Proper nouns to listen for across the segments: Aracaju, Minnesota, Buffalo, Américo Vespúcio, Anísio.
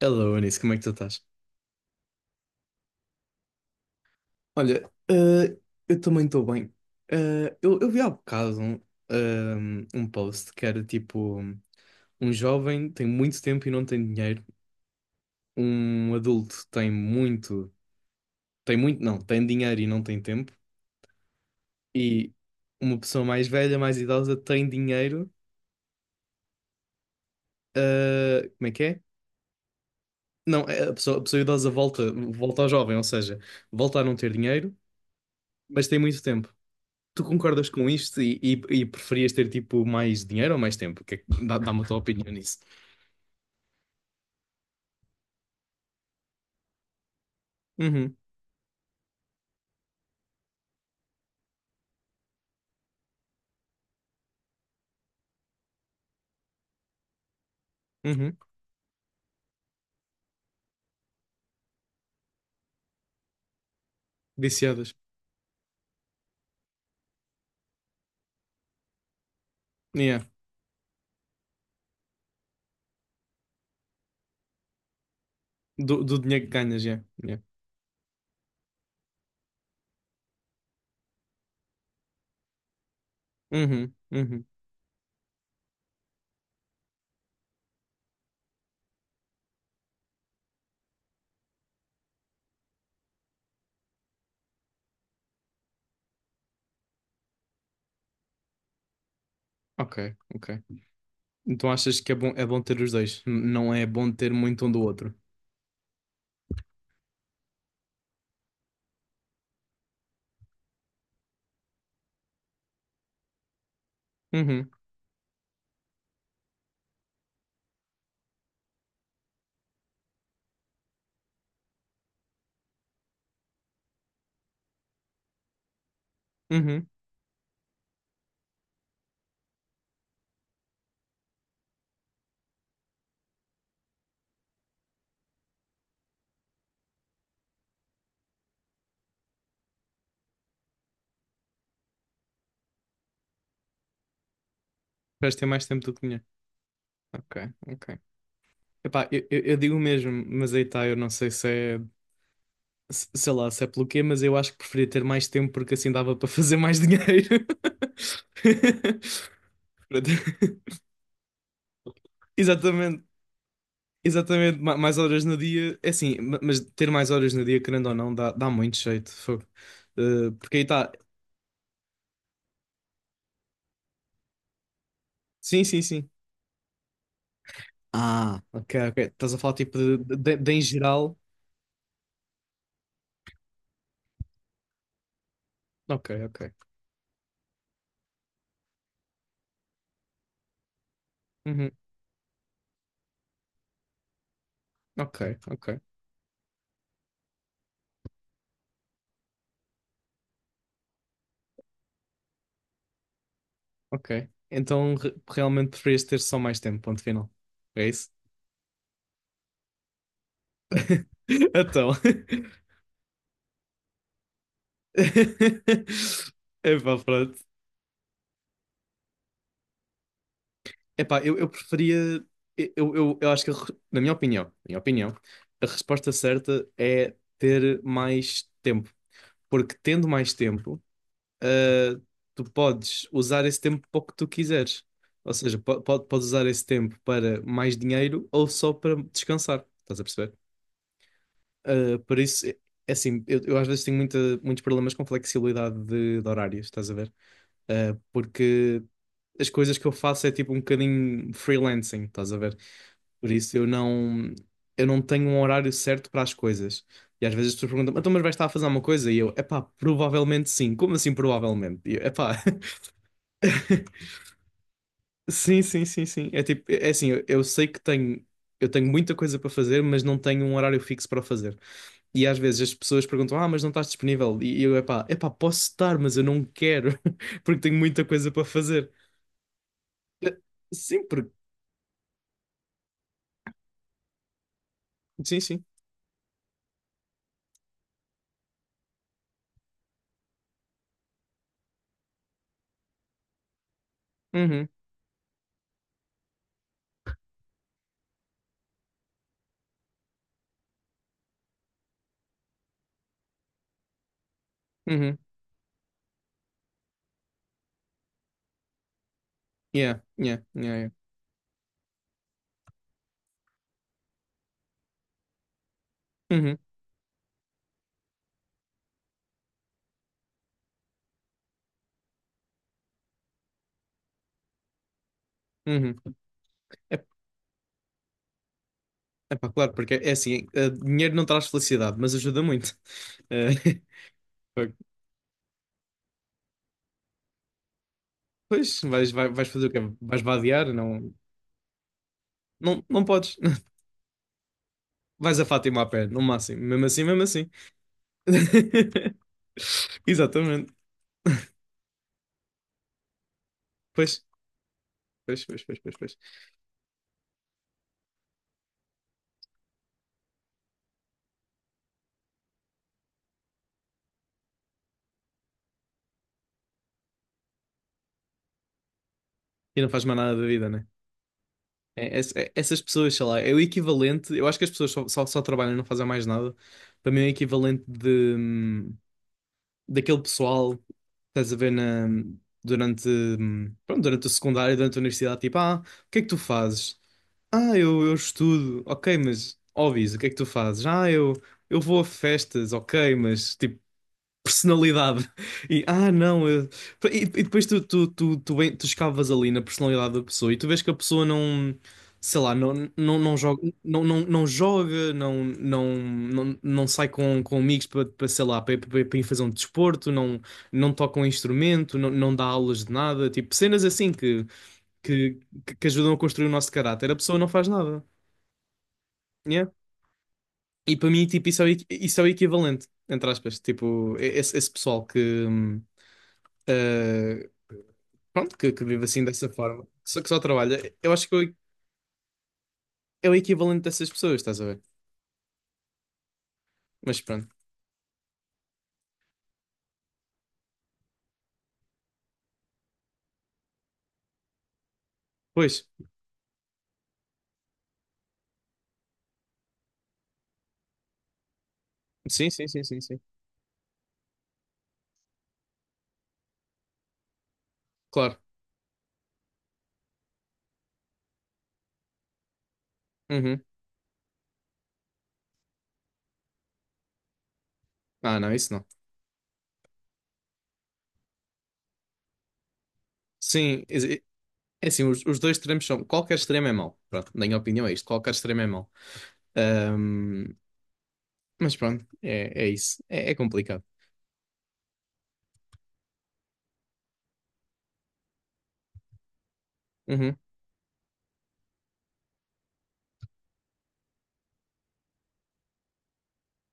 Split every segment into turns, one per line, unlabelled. Hello, Anísio, como é que tu estás? Olha, eu também estou bem. Eu vi há bocado um post que era tipo: um jovem tem muito tempo e não tem dinheiro, um adulto tem muito, não, tem dinheiro e não tem tempo, e uma pessoa mais velha, mais idosa, tem dinheiro. Como é que é? Não, é a pessoa idosa volta ao jovem, ou seja, volta a não ter dinheiro, mas tem muito tempo. Tu concordas com isto e preferias ter tipo mais dinheiro ou mais tempo? Que é que- dá- Dá-me a tua opinião nisso. Uhum, uhum. Viciadas. Yeah. Do dinheiro que ganhas, yeah. Yeah. Uhum, uhum. Ok, ok. Então achas que é bom ter os dois? Não é bom ter muito um do outro? Uhum, uhum. Preferes ter mais tempo do que dinheiro. Ok, ok. Epá, eu digo o mesmo, mas aí tá, eu não sei se é. Sei lá, se é pelo quê, mas eu acho que preferia ter mais tempo porque assim dava para fazer mais dinheiro. Pronto. Exatamente, exatamente, mais horas no dia, é assim, mas ter mais horas no dia, querendo ou não, dá muito jeito, fogo. Porque aí está, sim, sim, sim. Ah, ok, ok, estás a falar tipo de, de em geral, ok, ok, uhum. Ok, ok, ok. Então realmente preferias ter só mais tempo, ponto final, é isso? Então. Epá, pronto. Epá, eu preferia. Eu acho que, na minha opinião, a resposta certa é ter mais tempo. Porque tendo mais tempo, ah, tu podes usar esse tempo para o que tu quiseres. Ou seja, podes usar esse tempo para mais dinheiro ou só para descansar. Estás a perceber? Ah, por isso, é assim, eu às vezes tenho muita, muitos problemas com flexibilidade de horários, estás a ver? Porque as coisas que eu faço é tipo um bocadinho freelancing, estás a ver? Por isso eu não tenho um horário certo para as coisas. E às vezes as pessoas perguntam, então, mas vais estar a fazer alguma coisa? E eu, epá, provavelmente sim. Como assim provavelmente? E eu, epá, sim, sim, sim, sim. É tipo, é assim, eu sei que tenho, eu tenho muita coisa para fazer, mas não tenho um horário fixo para fazer. E às vezes as pessoas perguntam, ah, mas não estás disponível? E eu, epá, posso estar, mas eu não quero, porque tenho muita coisa para fazer. Eh, Sim, porque, sim, sim. Uhum. Uhum. Yeah, yeah, yeah, yeah. Uhum, uhum. É, é pá, claro, porque é assim, dinheiro não traz felicidade, mas ajuda muito. Eh, pois, vais fazer o quê? Vais vadear? Não, não, não podes. Vais a Fátima a pé, no máximo. Mesmo assim, mesmo assim. Exatamente. Pois, pois, pois, pois, pois, pois. E não faz mais nada da vida, né? Essas pessoas, sei lá, é o equivalente. Eu acho que as pessoas só trabalham e não fazem mais nada. Para mim é o equivalente de. Daquele pessoal, estás a ver na, pronto, durante o secundário, durante a universidade, tipo, o que é que tu fazes? Ah, eu estudo, ok, mas óbvio, o que é que tu fazes? Ah, eu vou a festas, ok, mas tipo, personalidade. E não. E depois tu escavas ali na personalidade da pessoa e tu vês que a pessoa não, sei lá, não joga, não joga, não sai com amigos sei lá, para ir fazer um desporto, não, não toca um instrumento, não, não dá aulas de nada, tipo cenas assim que, que ajudam a construir o nosso caráter. A pessoa não faz nada. Yeah? E para mim, tipo, isso é, isso é o equivalente, entre aspas, tipo, esse pessoal que. hum, Uh, Pronto, que vive assim dessa forma, que só trabalha. Eu acho que eu- É o equivalente dessas pessoas, estás a ver? Mas pronto. Pois, sim, sim, sim, sim, sim. Claro. Uhum. Ah, não, isso não. Sim, é assim, os dois extremos são. Qualquer extremo é mau. Pronto, na minha opinião é isto. Qualquer extremo é mau. Ahm, mas pronto, é isso. É complicado. Uhum.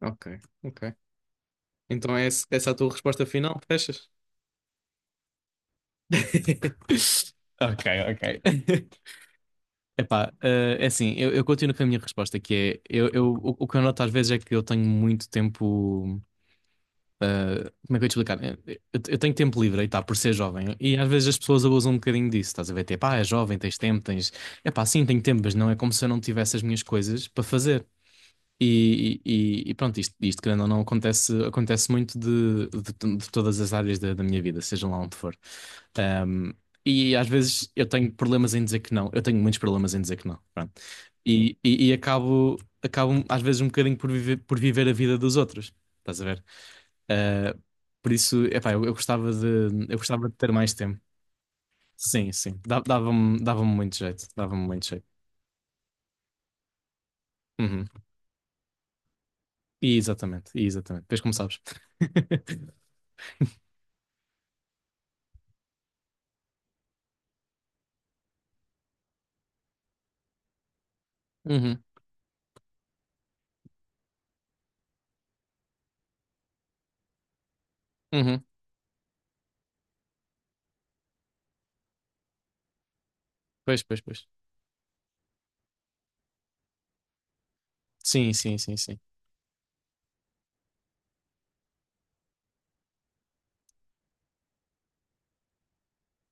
Ok, ok. Então é essa a tua resposta final? Fechas? Ok, ok. Epá, é assim, eu continuo com a minha resposta, que é, o que eu noto às vezes é que eu tenho muito tempo, como é que eu ia te explicar? Eu tenho tempo livre, aí tá, por ser jovem, e às vezes as pessoas abusam um bocadinho disso, estás a ver, tipo, ah, é jovem, tens tempo, tens. Epá, sim, tenho tempo, mas não é como se eu não tivesse as minhas coisas para fazer. E pronto, isto querendo ou não acontece, acontece muito de, de todas as áreas da minha vida, seja lá onde for. Um, e às vezes eu tenho problemas em dizer que não, eu tenho muitos problemas em dizer que não. Pronto. E acabo, acabo às vezes um bocadinho por viver a vida dos outros, estás a ver? Uh, por isso, epá, eu gostava de, eu gostava de ter mais tempo. Sim, sim, dava-me muito jeito, dava-me muito jeito. Uhum. E exatamente, e exatamente. Depois como sabes. Uhum. Uhum. Pois, pois, pois. Sim, sim, sim, sim.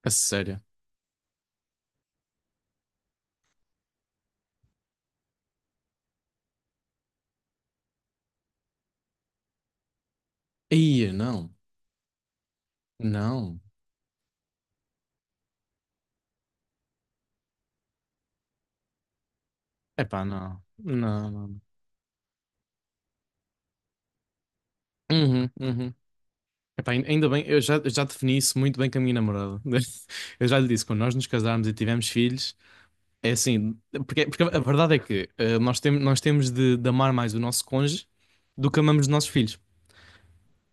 A sério. Ih, não. Não. Epá, não. Não, não. Uhum, uhum. Epá, ainda bem, eu já defini isso muito bem com a minha namorada. Eu já lhe disse, quando nós nos casarmos e tivermos filhos, é assim, porque, porque a verdade é que nós temos de amar mais o nosso cônjuge do que amamos os nossos filhos.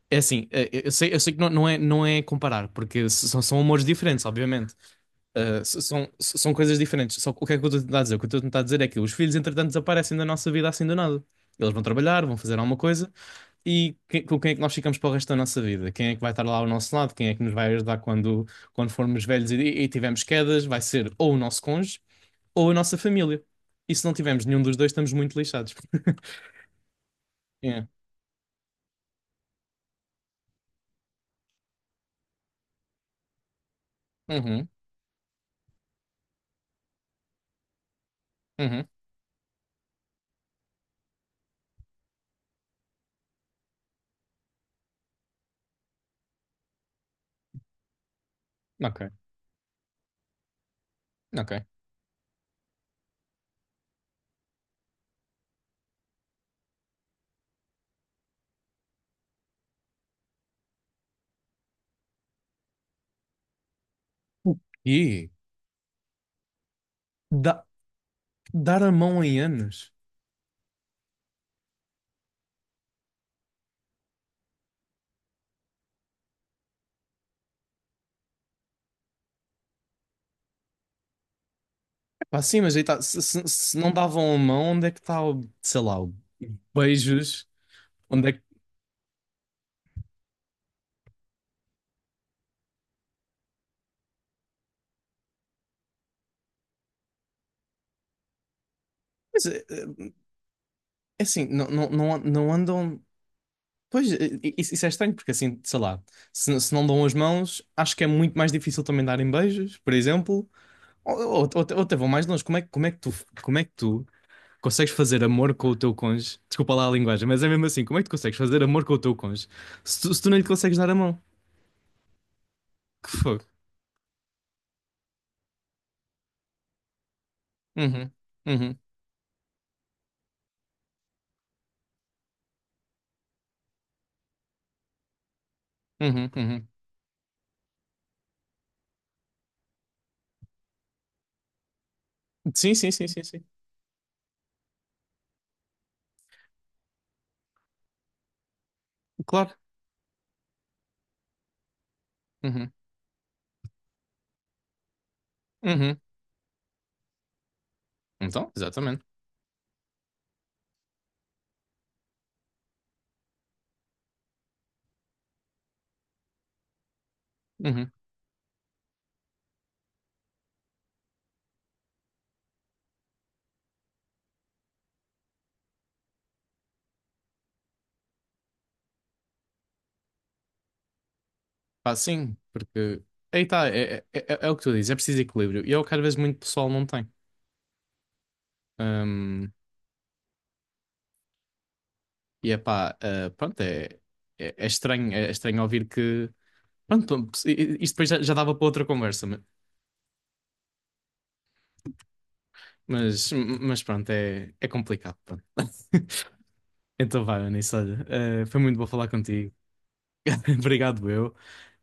É assim, eu sei que não, não é comparar, porque são amores diferentes, obviamente. São coisas diferentes. Só que o que é que eu estou a tentar dizer? O que eu estou a tentar dizer é que os filhos, entretanto, desaparecem da nossa vida assim do nada. Eles vão trabalhar, vão fazer alguma coisa com quem é que nós ficamos para o resto da nossa vida? Quem é que vai estar lá ao nosso lado? Quem é que nos vai ajudar quando formos velhos e tivermos quedas? Vai ser ou o nosso cônjuge ou a nossa família. E se não tivermos nenhum dos dois, estamos muito lixados. Yeah. Uhum, uhum. Ok, ok. E dá- dar a mão em anos. Pá, sim, mas aí tá, se não davam a mão, onde é que está o, sei lá, o beijos? Onde é que. Mas, é assim, não, não, não, não andam. Pois, é, é, isso é estranho, porque assim, sei lá, se não dão as mãos, acho que é muito mais difícil também darem beijos, por exemplo. Ou até vão mais longe. Como é que tu consegues fazer amor com o teu cônjuge? Desculpa lá a linguagem, mas é mesmo assim, como é que tu consegues fazer amor com o teu cônjuge se tu não lhe consegues dar a mão? Que fogo. Uhum, uhum, uhum, uhum. Sim, sim, sim, sim, sim. Claro. Uhum. Uhum. Então, exatamente. Uhum. Pá, sim, porque aí tá, é o que tu dizes, é preciso equilíbrio. E é o que às vezes muito pessoal não tem. Hum, e é pá, pronto, é estranho ouvir que. Pronto, isto depois já, já dava para outra conversa, mas, mas pronto, é complicado. Pronto. Então vai, Anis, olha, foi muito bom falar contigo. Obrigado, eu.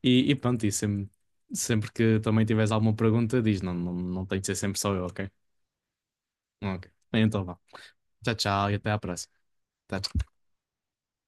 E pronto, e sempre que também tiveres alguma pergunta, diz, não, não, não tem de ser sempre só eu, ok? Ok. Então vá. Tchau, tchau e até à próxima. Tchau, tchau.